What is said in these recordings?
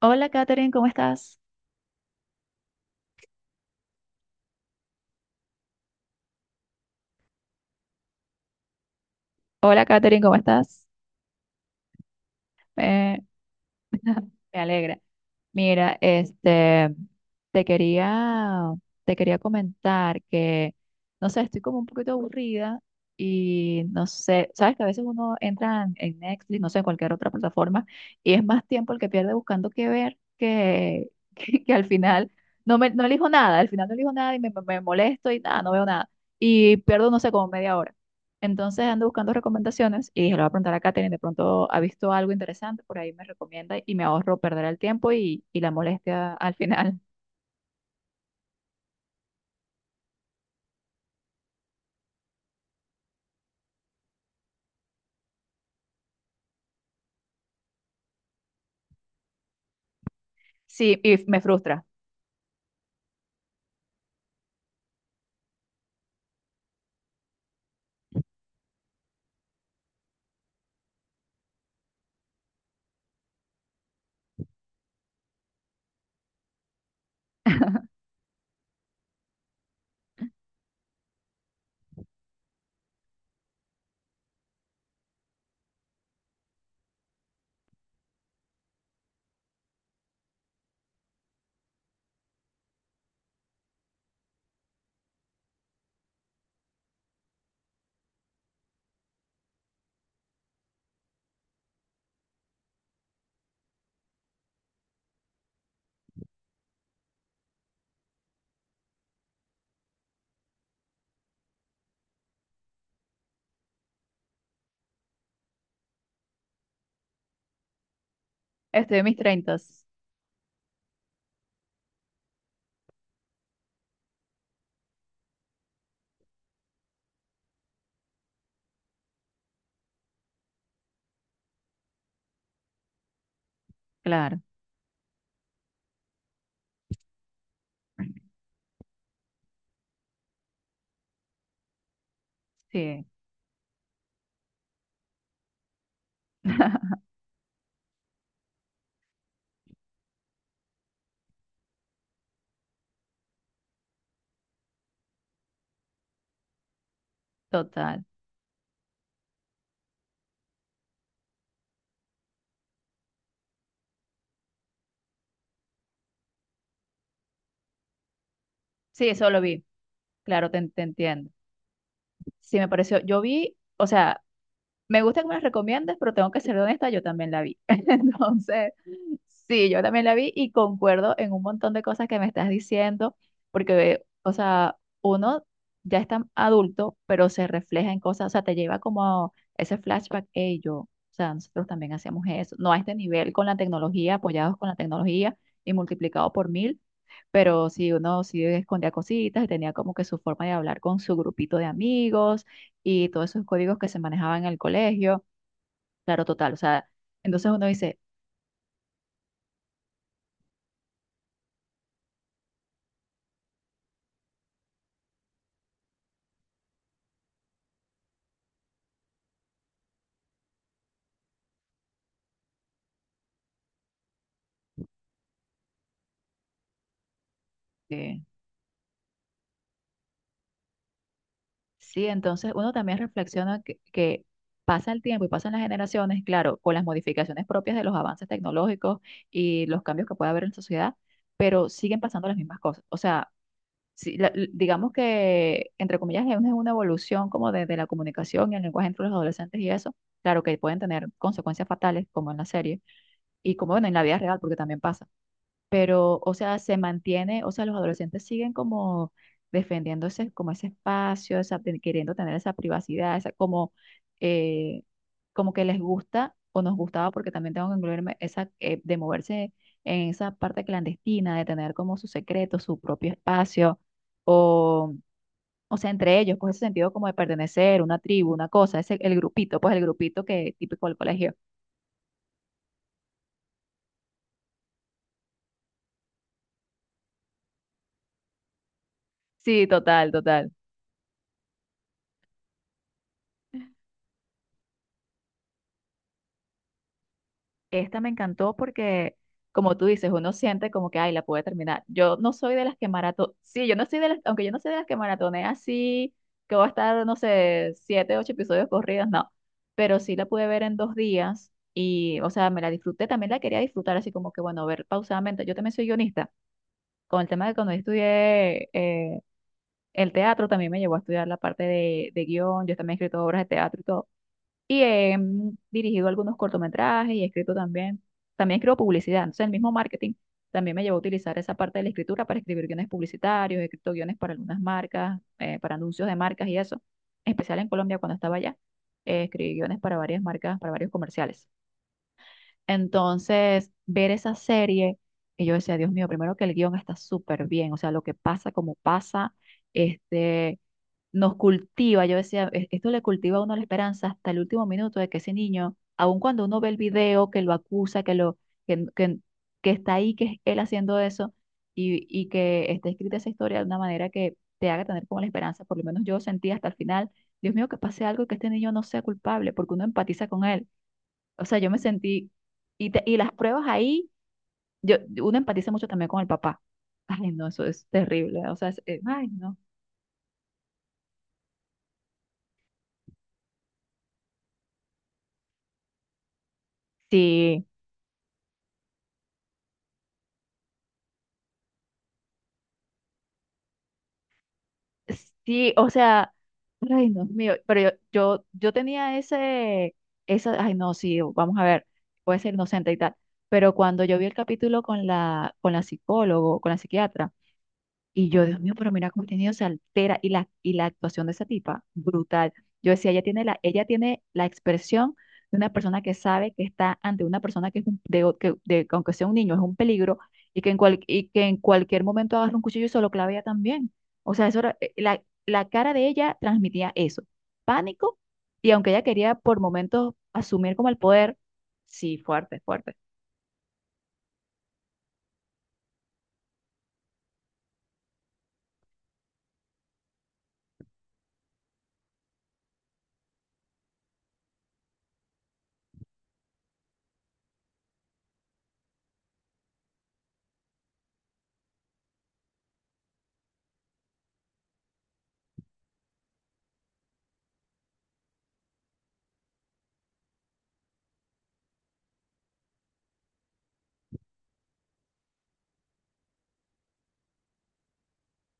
Hola, Katherine, ¿cómo estás? Hola, Katherine, ¿cómo estás? Eh, Me alegra. Mira, te quería, te quería comentar que, no sé, estoy como un poquito aburrida y no sé, sabes que a veces uno entra en Netflix, no sé, en cualquier otra plataforma y es más tiempo el que pierde buscando qué ver que al final no elijo nada, al final no elijo nada me molesto y nada, no veo nada. Y pierdo, no sé, como media hora. Entonces ando buscando recomendaciones y dije, le voy a preguntar a Katherine, de pronto ha visto algo interesante, por ahí me recomienda y me ahorro perder el tiempo y la molestia al final. Sí, y me frustra. Estoy en mis treintas, claro, sí, total. Sí, eso lo vi, claro, te entiendo. Sí, me pareció, yo vi, o sea, me gusta que me las recomiendes, pero tengo que ser honesta, yo también la vi. Entonces... Sí, yo también la vi y concuerdo en un montón de cosas que me estás diciendo, porque, o sea, uno ya está adulto, pero se refleja en cosas, o sea, te lleva como ese flashback, hey, yo, o sea, nosotros también hacíamos eso, no a este nivel con la tecnología, apoyados con la tecnología y multiplicado por mil, pero sí, uno sí escondía cositas y tenía como que su forma de hablar con su grupito de amigos y todos esos códigos que se manejaban en el colegio, claro, total, o sea, entonces uno dice... eh, Sí, entonces uno también reflexiona que pasa el tiempo y pasan las generaciones, claro, con las modificaciones propias de los avances tecnológicos y los cambios que puede haber en la sociedad, pero siguen pasando las mismas cosas. O sea, si la- l- digamos que, entre comillas, es una evolución como de la comunicación y el lenguaje entre los adolescentes y eso, claro que pueden tener consecuencias fatales, como en la serie, y como bueno, en la vida real, porque también pasa, pero, o sea, se mantiene, o sea, los adolescentes siguen como defendiéndose como ese espacio, queriendo tener esa privacidad, esa, como, eh, como que les gusta o nos gustaba, porque también tengo que incluirme, esa, de moverse en esa parte clandestina, de tener como su secreto, su propio espacio, o, o sea, entre ellos, pues ese sentido como de pertenecer, una tribu, una cosa, ese, el grupito, pues el grupito que típico del colegio. Sí, total, total. Esta me encantó porque, como tú dices, uno siente como que, ay, la pude terminar. Yo no soy de las que maratón, sí, yo no soy de las, aunque yo no soy de las que maratonea así, que voy a estar, no sé, siete, ocho episodios corridos, no. Pero sí la pude ver en dos días y, o sea, me la disfruté, también la quería disfrutar así como que, bueno, ver pausadamente. Yo también soy guionista. Con el tema de cuando yo estudié el teatro, también me llevó a estudiar la parte de guión. Yo también he escrito obras de teatro y todo. Y he dirigido algunos cortometrajes y he escrito también. También escribo publicidad. Entonces, el mismo marketing también me llevó a utilizar esa parte de la escritura para escribir guiones publicitarios. He escrito guiones para algunas marcas, para anuncios de marcas y eso. En especial en Colombia, cuando estaba allá, escribí guiones para varias marcas, para varios comerciales. Entonces, ver esa serie, y yo decía, Dios mío, primero que el guión está súper bien. O sea, lo que pasa, como pasa, este nos cultiva, yo decía, "E- esto le cultiva a uno la esperanza hasta el último minuto de que ese niño, aun cuando uno ve el video que lo acusa, que, que- que está ahí, que es él haciendo eso, y que está escrita esa historia de una manera que te haga tener como la esperanza, por lo menos yo sentí hasta el final, Dios mío, que pase algo y que este niño no sea culpable, porque uno empatiza con él. O sea, yo me sentí, y las pruebas ahí, yo, uno empatiza mucho también con el papá. Ay, no, eso es terrible. O sea, ay, no. Sí. Sí, o sea, ay, Dios mío, pero yo tenía ese, esa, ay, no, sí, vamos a ver, puede ser inocente y tal, pero cuando yo vi el capítulo con con la psicólogo, con la psiquiatra, y yo, Dios mío, pero mira cómo el contenido se altera y y la actuación de esa tipa, brutal. Yo decía, ella tiene la expresión de una persona que sabe que está ante una persona que, es un- de, o- que de- que aunque sea un niño, es un peligro y y que en cualquier momento agarra un cuchillo y se lo clava ella también. O sea, la cara de ella transmitía eso, pánico y aunque ella quería por momentos asumir como el poder, sí, fuerte, fuerte.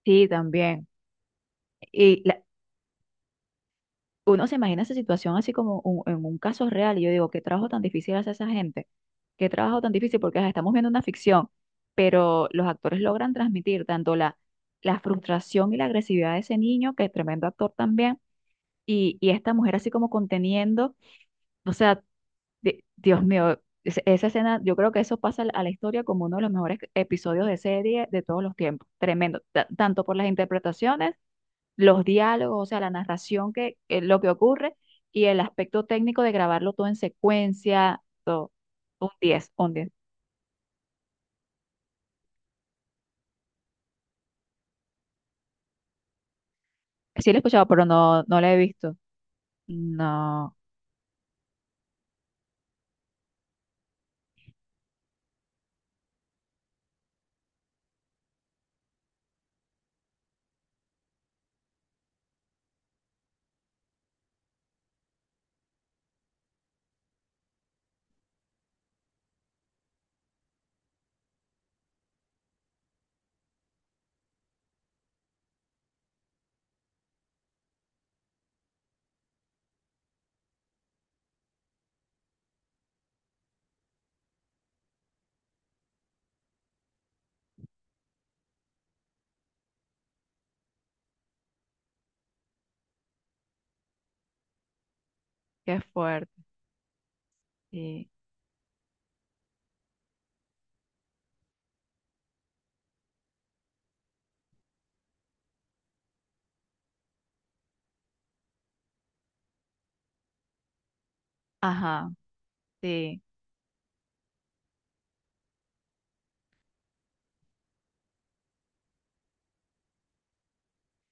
Sí, también. y la- Uno se imagina esa situación así como en un caso real, y yo digo, qué trabajo tan difícil hace esa gente, qué trabajo tan difícil, porque ajá, estamos viendo una ficción, pero los actores logran transmitir tanto la frustración y la agresividad de ese niño, que es tremendo actor también, y esta mujer así como conteniendo, o sea, Dios mío, esa escena, yo creo que eso pasa a la historia como uno de los mejores episodios de serie de todos los tiempos, tremendo, tanto por las interpretaciones, los diálogos, o sea, la narración que lo que ocurre y el aspecto técnico de grabarlo todo en secuencia, todo. Un 10, un 10. Sí lo he escuchado, pero no, no la he visto. No, qué fuerte. Sí. Ajá, sí,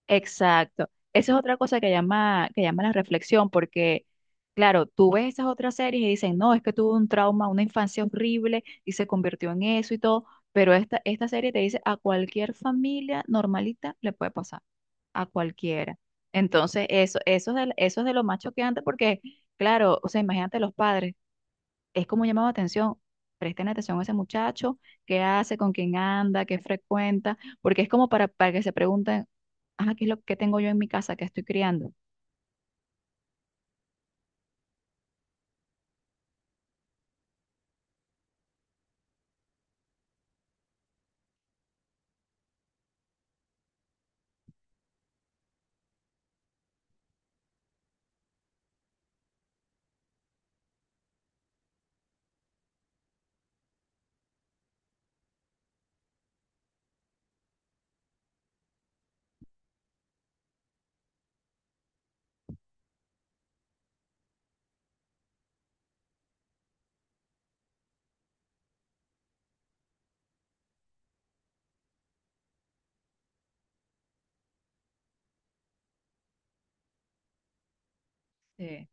exacto. Esa es otra cosa que llama la reflexión, porque, claro, tú ves esas otras series y dicen, no, es que tuvo un trauma, una infancia horrible y se convirtió en eso y todo, pero esta serie te dice, a cualquier familia normalita le puede pasar. A cualquiera. Entonces, eso, eso es de lo más choqueante porque, claro, o sea, imagínate los padres, es como llamaba atención. Presten atención a ese muchacho, qué hace, con quién anda, qué frecuenta, porque es como para que se pregunten, ah, ¿qué es lo que tengo yo en mi casa que estoy criando? Sí.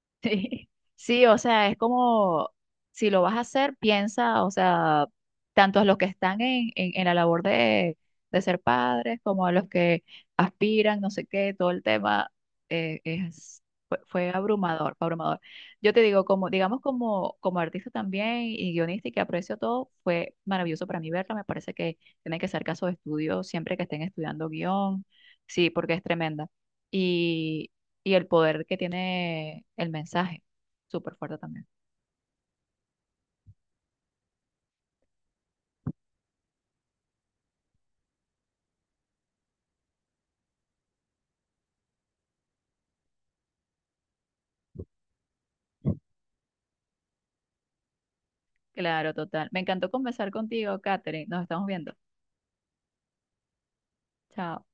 Sí, sí, o sea, es como si lo vas a hacer, piensa, o sea, tanto a los que están en la labor de ser padres como a los que aspiran, no sé qué, todo el tema eh, es, fue, fue abrumador, fue abrumador. Yo te digo, como, digamos, como, como artista también y guionista y que aprecio todo, fue maravilloso para mí verlo. Me parece que tienen que ser casos de estudio siempre que estén estudiando guión, sí, porque es tremenda y el poder que tiene el mensaje. Súper fuerte también. Claro, total. Me encantó conversar contigo, Katherine. Nos estamos viendo. Chao.